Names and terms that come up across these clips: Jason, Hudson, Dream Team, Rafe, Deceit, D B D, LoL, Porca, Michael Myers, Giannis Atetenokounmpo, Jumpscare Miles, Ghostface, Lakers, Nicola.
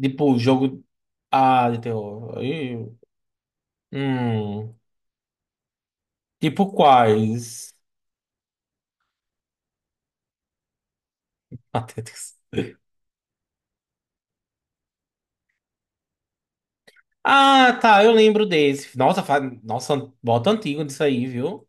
Tipo, jogo. Ah, de terror. Aí. Hum. Tipo quais? Patetas. Ah, tá, eu lembro desse. Nossa, Nossa, bota antigo disso aí, viu?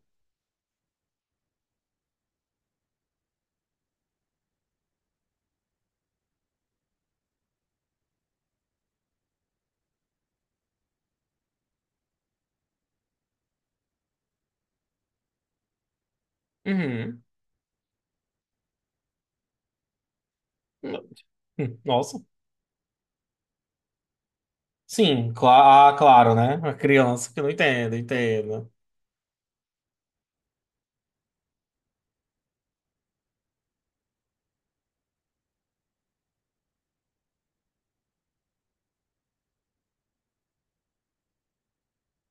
Uhum. Nossa. Sim, ah, claro, né? Uma criança que não entende, entendo.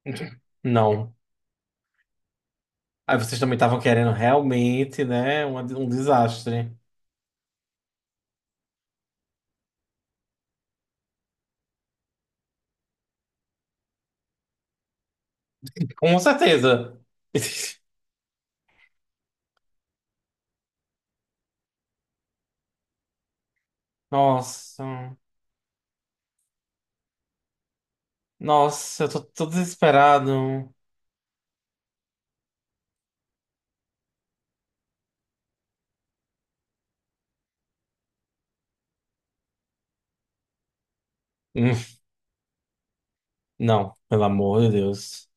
Não. Aí vocês também estavam querendo realmente, né? Um desastre. Com certeza. Nossa. Nossa, eu tô desesperado. Não, pelo amor de Deus.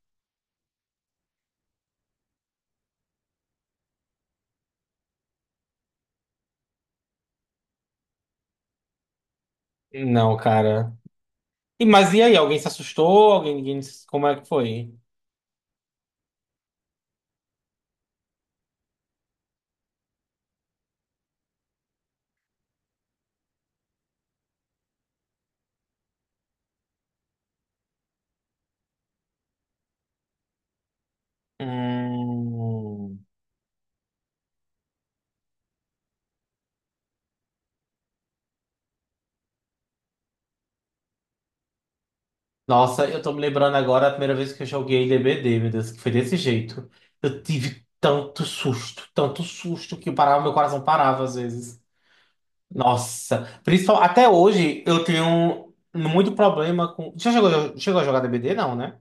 Não, cara. E, mas e aí? Alguém se assustou? Alguém, ninguém, como é que foi? Hum. Nossa, eu tô me lembrando agora a primeira vez que eu joguei DBD, meu Deus, que foi desse jeito. Eu tive tanto susto que eu parava, meu coração parava às vezes. Nossa, principal, até hoje eu tenho muito problema com. Já chegou a jogar DBD? Não, né?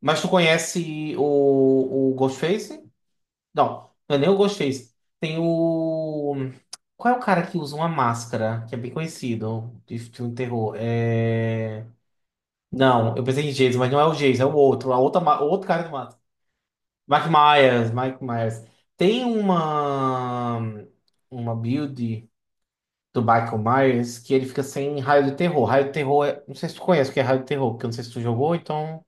Mas tu conhece o Ghostface? Não, não é nem o Ghostface. Tem o. Qual é o cara que usa uma máscara, que é bem conhecido de filme de terror? É... Não, eu pensei em Jason, mas não é o Jason, é o outro, a outra, o outro cara do mato. Mike Myers, Mike Myers. Tem uma build do Michael Myers que ele fica sem raio de terror. Raio de terror é, não sei se tu conhece o que é raio de terror, porque eu não sei se tu jogou, então.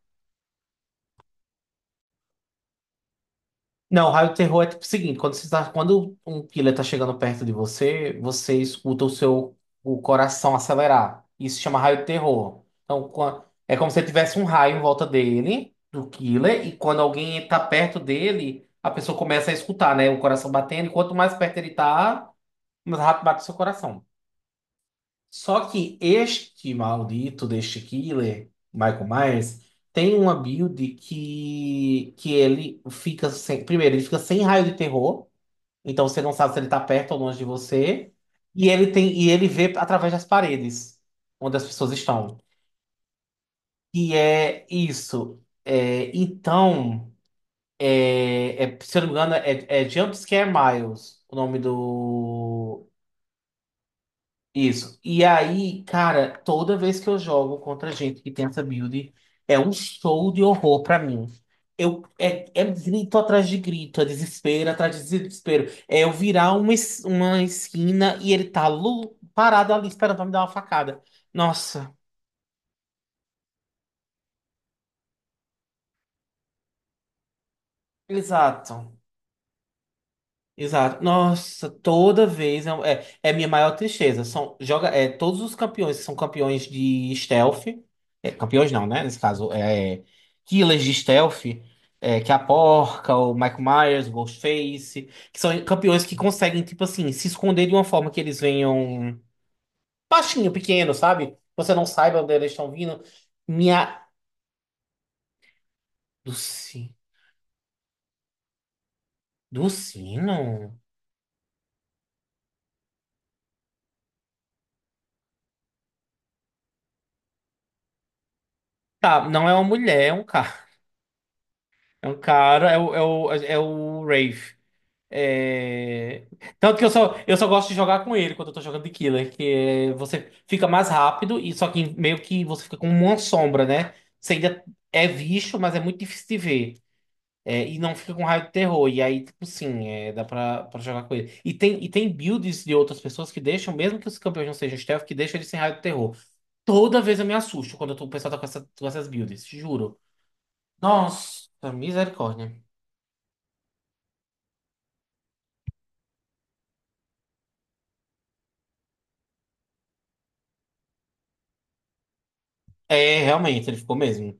Não, raio terror é tipo o seguinte, quando um killer tá chegando perto de você, você escuta o coração acelerar. Isso chama raio terror. Então, é como se tivesse um raio em volta dele, do killer, e quando alguém tá perto dele, a pessoa começa a escutar, né? O coração batendo, e quanto mais perto ele tá, mais rápido bate o seu coração. Só que este maldito deste killer, Michael Myers, tem uma build que ele fica sem. Primeiro, ele fica sem raio de terror. Então você não sabe se ele tá perto ou longe de você. E ele vê através das paredes onde as pessoas estão. E é isso. É, então, se eu não me engano, é Jumpscare Miles, o nome do. Isso. E aí, cara, toda vez que eu jogo contra gente que tem essa build, é um show de horror pra mim. É grito atrás de grito, é desespero atrás de desespero. É eu virar uma esquina e ele tá parado ali esperando pra me dar uma facada. Nossa, exato. Exato. Nossa, toda vez é minha maior tristeza. São, todos os campeões que são campeões de stealth, campeões não, né? Nesse caso, killers de stealth, que é a Porca, o Michael Myers, o Ghostface, que são campeões que conseguem, tipo assim, se esconder de uma forma que eles venham baixinho, pequeno, sabe? Você não saiba onde eles estão vindo. Minha. Do, si... do sino? Tá, não é uma mulher, é um cara. É um cara, é o, é o Rafe. É, tanto que eu só gosto de jogar com ele quando eu tô jogando de killer, que você fica mais rápido e só que meio que você fica com uma sombra, né? Você ainda é visto, mas é muito difícil de ver. É, e não fica com raio de terror. E aí, tipo, sim, dá pra jogar com ele. E tem builds de outras pessoas que deixam, mesmo que os campeões não sejam stealth, que deixam ele sem raio de terror. Toda vez eu me assusto quando eu o pessoal tá com essas builds, juro. Nossa, misericórdia. É, realmente, ele ficou mesmo.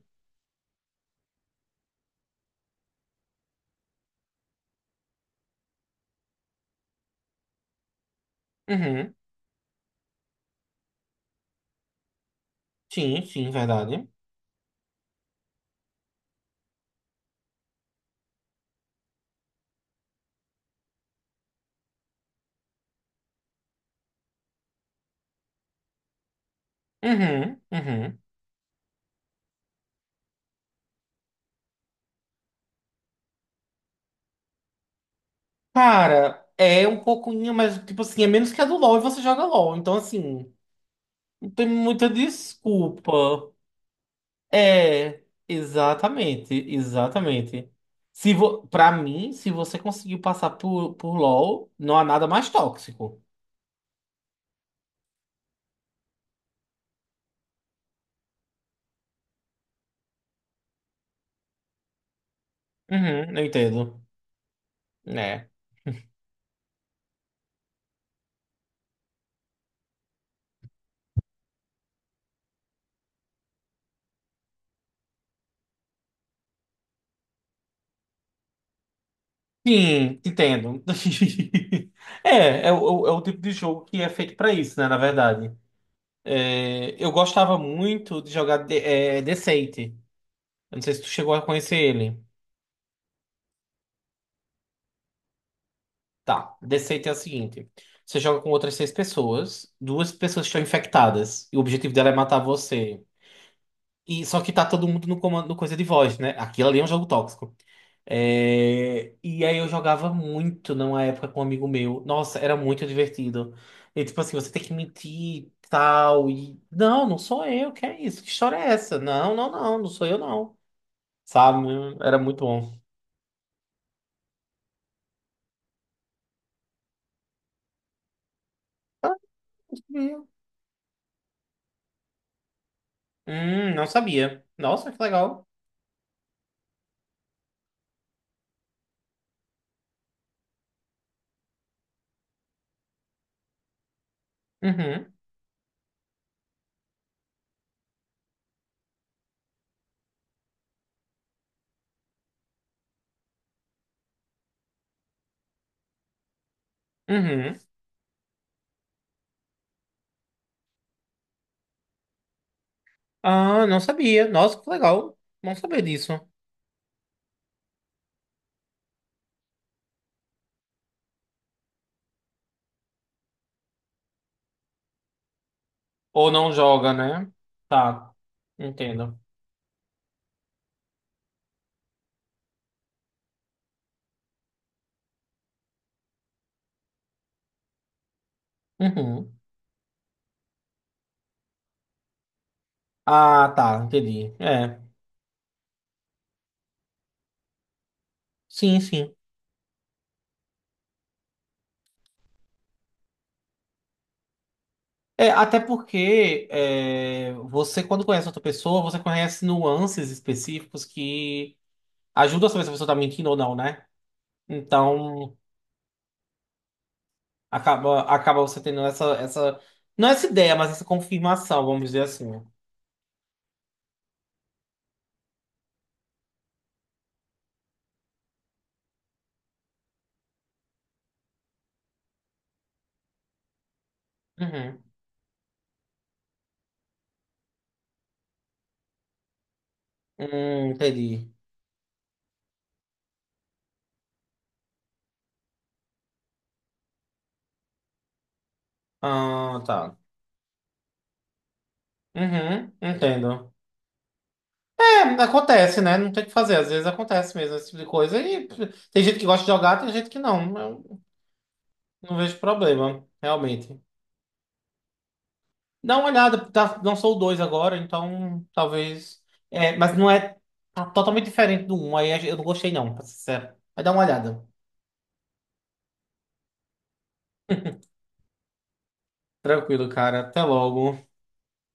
Uhum. Sim, sim, verdade. Uhum, uhum. Cara, é um pouquinho, mas tipo assim, é menos que a do LoL e você joga LoL. Então, assim, não tem muita desculpa. É, exatamente, exatamente. Se vo... Pra mim, se você conseguiu passar por LoL, não há nada mais tóxico. Uhum, eu entendo. É. Sim, entendo. É o tipo de jogo que é feito pra isso, né, na verdade. É, eu gostava muito de jogar de Deceit. Eu não sei se tu chegou a conhecer ele. Tá, Deceit é o seguinte: você joga com outras seis pessoas, duas pessoas estão infectadas, e o objetivo dela é matar você. E só que tá todo mundo no comando no coisa de voz, né? Aquilo ali é um jogo tóxico. É, e aí eu jogava muito numa época com um amigo meu. Nossa, era muito divertido. E tipo assim, você tem que mentir e tal. E. Não, não sou eu, que é isso? Que história é essa? Não, não, não, não sou eu, não, sabe? Era muito bom. Hum, não sabia. Nossa, que legal. Uhum, uhum. Ah, não sabia. Nossa, que legal. Bom saber disso. Ou não joga, né? Tá, entendo. Uhum. Ah, tá, entendi. É, sim, sim. É, até porque você, quando conhece outra pessoa, você conhece nuances específicos que ajudam a saber se a pessoa tá mentindo ou não, né? Então, Acaba você tendo essa. Não essa ideia, mas essa confirmação, vamos dizer assim. Uhum. Entendi. Ah, tá. Uhum, entendo. É, acontece, né? Não tem o que fazer. Às vezes acontece mesmo esse tipo de coisa. Tem gente que gosta de jogar, tem gente que não. Eu não vejo problema, realmente. Dá uma olhada, tá, lançou o 2 agora, então talvez. É, mas não é. Tá totalmente diferente do um. Aí eu não gostei, não, pra ser sincero. Mas dá uma olhada. Tranquilo, cara. Até logo.